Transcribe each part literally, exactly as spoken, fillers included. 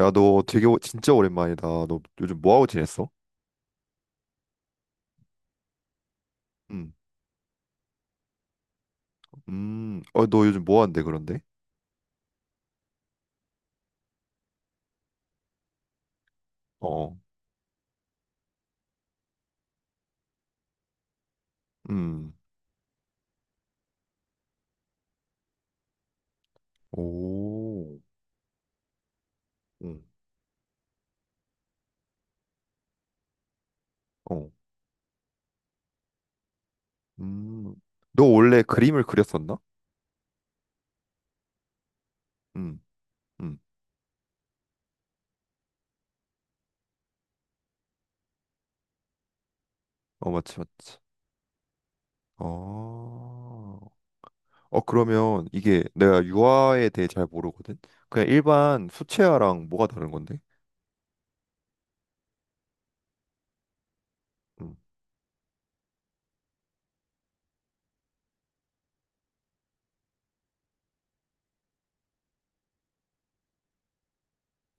야, 너 되게 오- 진짜 오랜만이다. 너 요즘 뭐하고 지냈어? 음, 음, 어, 너 요즘 뭐한데 그런데? 어, 음, 오, 음, 어, 음. 너 원래 그림을 그렸었나? 음, 음, 어, 맞지, 맞지. 어, 어, 그러면 이게 내가 유화에 대해 잘 모르거든? 그냥 일반 수채화랑 뭐가 다른 건데? 음,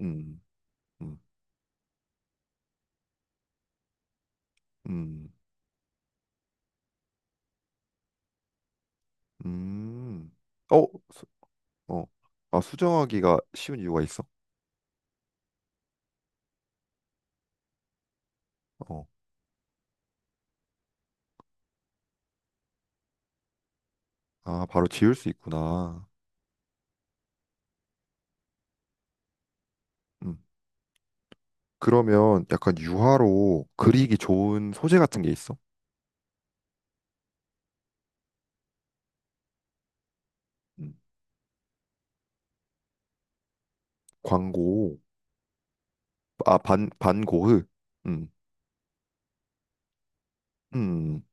음, 음, 음, 음. 어, 수, 어, 아, 수정하기가 쉬운 이유가 있어? 어. 아, 바로 지울 수 있구나. 음. 그러면 약간 유화로 그리기 좋은 소재 같은 게 있어? 음. 광고, 아, 반, 반고흐. 음, 음,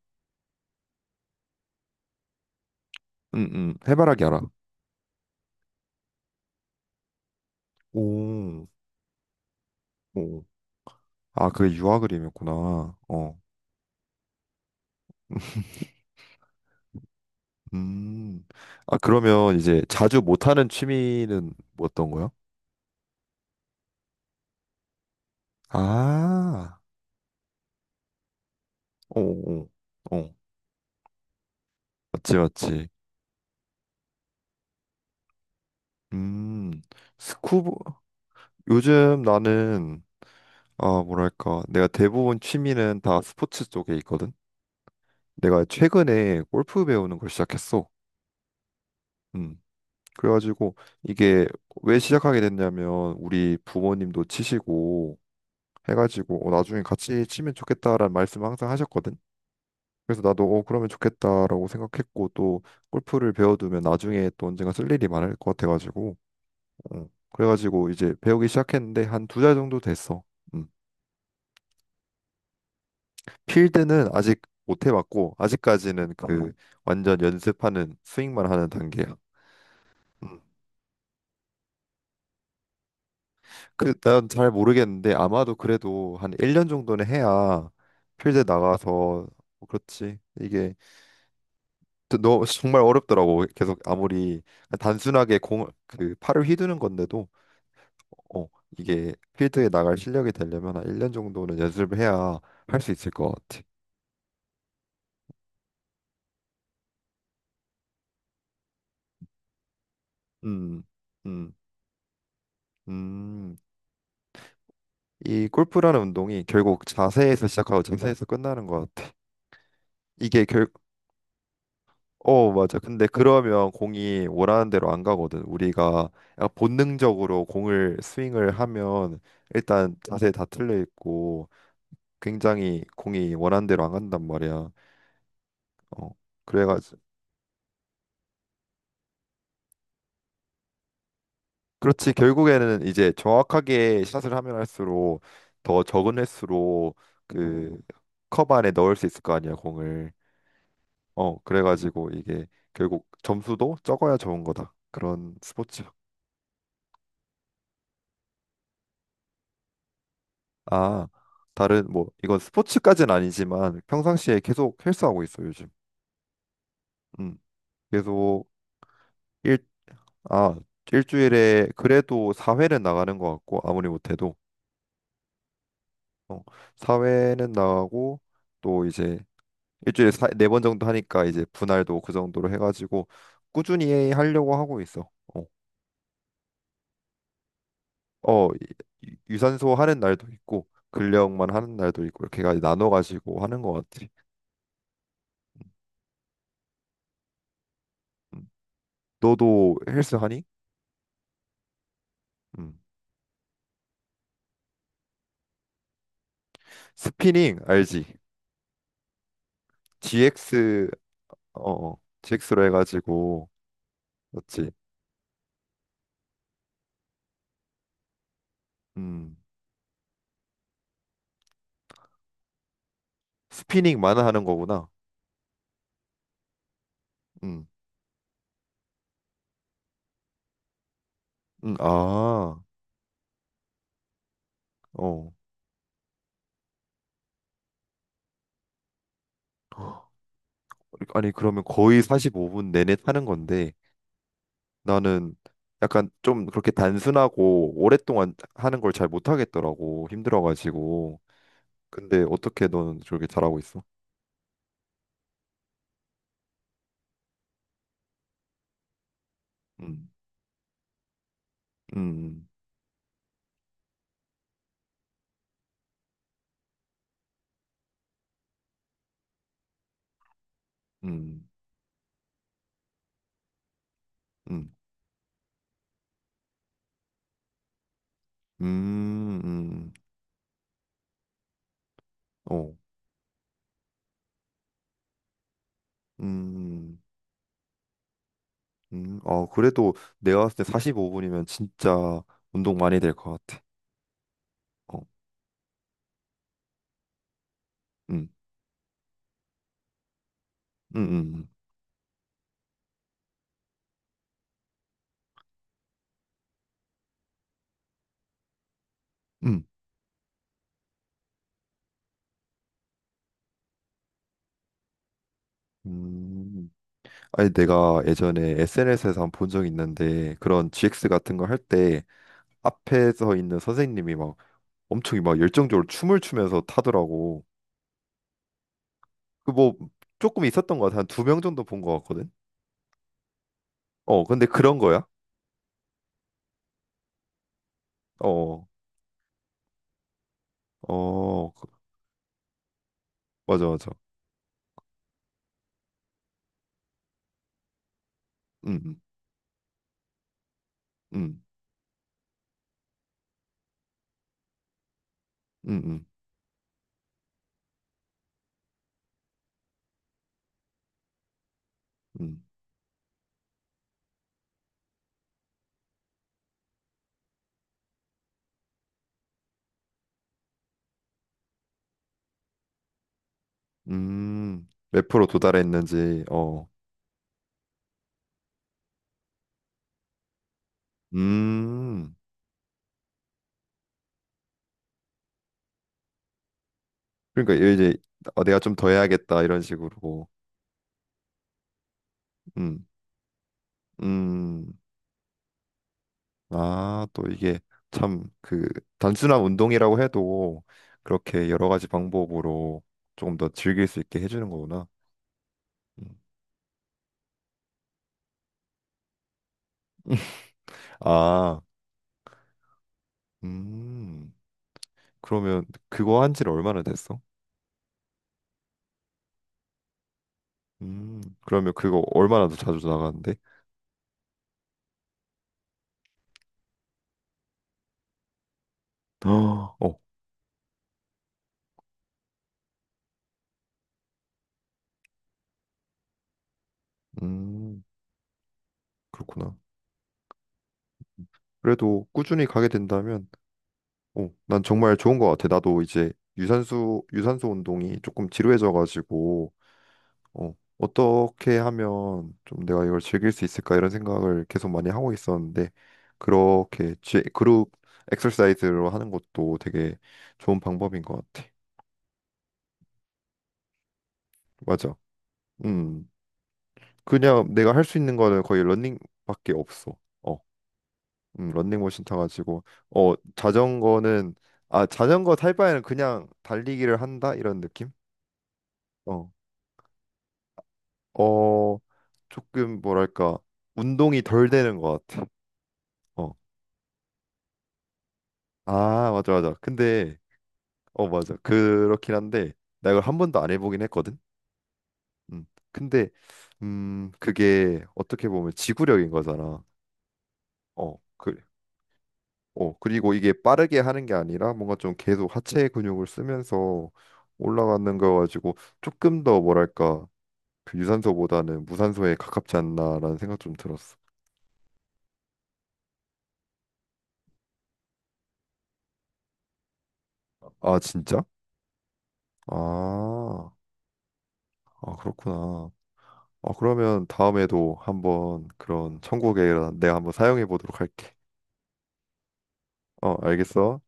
음, 음. 해바라기 알아. 오, 오. 아, 그게 유화 그림이었구나. 어, 음. 아, 그러면 이제 자주 못하는 취미는 뭐 어떤 거야? 아, 오, 오, 오. 맞지, 맞지. 음, 스쿠버, 요즘 나는 아, 뭐랄까, 내가 대부분 취미는 다 스포츠 쪽에 있거든. 내가 최근에 골프 배우는 걸 시작했어. 음. 그래가지고 이게 왜 시작하게 됐냐면 우리 부모님도 치시고 해가지고 어, 나중에 같이 치면 좋겠다라는 말씀을 항상 하셨거든. 그래서 나도 어, 그러면 좋겠다라고 생각했고 또 골프를 배워두면 나중에 또 언젠가 쓸 일이 많을 것 같아가지고 어, 그래가지고 이제 배우기 시작했는데 한 두 달 정도 됐어. 음. 필드는 아직 못 해봤고 아직까지는 그 어. 완전 연습하는 스윙만 하는 단계야. 음. 그난 잘 모르겠는데 아마도 그래도 한 일 년 정도는 해야 필드 나가서 뭐 그렇지. 이게 또 너, 정말 어렵더라고. 계속 아무리 단순하게 공, 그 팔을 휘두는 건데도 어, 이게 필드에 나갈 실력이 되려면 한 일 년 정도는 연습을 해야 할 수 있을 것 같아. 음. 음. 음. 이 골프라는 운동이 결국 자세에서 시작하고 자세에서 끝나는 것 같아. 이게 결, 어, 맞아. 근데 그러면 공이 원하는 대로 안 가거든. 우리가 약간 본능적으로 공을 스윙을 하면 일단 자세 다 틀려 있고 굉장히 공이 원하는 대로 안 간단 말이야. 어, 그래가지고 그렇지. 결국에는 이제 정확하게 샷을 하면 할수록 더 적은 횟수로 그 컵 안에 넣을 수 있을 거 아니야, 공을. 어, 그래가지고 이게 결국 점수도 적어야 좋은 거다. 그런 스포츠. 아, 다른 뭐 이건 스포츠까지는 아니지만 평상시에 계속 헬스하고 있어, 요즘. 음. 계속 일, 아, 일주일에 그래도 사 회는 나가는 것 같고 아무리 못해도 어, 사 회는 나가고 또 이제 일주일에 사 네 번 정도 하니까 이제 분할도 그 정도로 해가지고 꾸준히 하려고 하고 있어. 어, 어, 유- 유산소 하는 날도 있고 근력만 하는 날도 있고 이렇게까지 나눠 가지고 하는 것 같아. 음. 너도 헬스 하니? 음. 스피닝 알지? 지엑스, 어, 어. x 로 해 가지고 맞지? 음. 스피닝만 하는 거구나. 음. 음. 아. 어. 아니, 그러면 거의 사십오 분 내내 타는 건데 나는 약간 좀 그렇게 단순하고 오랫동안 하는 걸 잘 못 하겠더라고. 힘들어 가지고. 근데 어떻게 너는 저렇게 잘하고 있어? 음, 음, 음, 음, 음, 음, 음. 어, 음, 음. 아, 그래도 내가 봤을 때 사십오 분이면 진짜 운동 많이 될 것 같아. 어, 음, 음, 음, 음. 음. 음. 아니, 내가 예전에 에스엔에스에서 한 본 적 있는데 그런 지엑스 같은 거 할 때 앞에서 있는 선생님이 막 엄청 막 열정적으로 춤을 추면서 타더라고. 그 뭐 조금 있었던 것 같아. 한 두 명 정도 본 것 같거든. 어, 근데 그런 거야? 어, 어, 그- 맞아, 맞아. 음, 음, 음, 음, 음, 음, 음. 몇 프로 도달했는지, 어, 음, 그러니까 이제 어, 내가 좀 더 해야겠다 이런 식으로, 음, 음, 아, 또 이게 참 그 단순한 운동이라고 해도 그렇게 여러 가지 방법으로 조금 더 즐길 수 있게 해주는 거구나. 음. 아, 음, 그러면 그거 한 지는 얼마나 됐어? 음, 그러면 그거 얼마나 더 자주 나가는데? 어, 어, 음, 그렇구나. 그래도 꾸준히 가게 된다면, 어, 난 정말 좋은 것 같아. 나도 이제 유산소, 유산소 운동이 조금 지루해져가지고, 어, 어떻게 하면 좀 내가 이걸 즐길 수 있을까 이런 생각을 계속 많이 하고 있었는데, 그렇게 제, 그룹 엑서사이즈로 하는 것도 되게 좋은 방법인 것 같아. 맞아. 음, 그냥 내가 할 수 있는 거는 거의 러닝밖에 없어. 어. 음, 런닝머신 타가지고 어, 자전거는 아, 자전거 탈 바에는 그냥 달리기를 한다, 이런 느낌? 어, 어, 조금 뭐랄까 운동이 덜 되는 것 같아. 어, 아 맞아 맞아. 근데 어, 맞아, 그렇긴 한데 나 이걸 한 번도 안 해보긴 했거든. 음, 근데 음, 그게 어떻게 보면 지구력인 거잖아. 어, 그 어, 그리고 이게 빠르게 하는 게 아니라 뭔가 좀 계속 하체 근육을 쓰면서 올라가는 거 가지고 조금 더 뭐랄까 그 유산소보다는 무산소에 가깝지 않나라는 생각 좀 들었어. 아, 진짜? 아, 아 그렇구나. 아, 그러면 다음에도 한번 그런 천국의 내가 한번 사용해 보도록 할게. 어, 알겠어.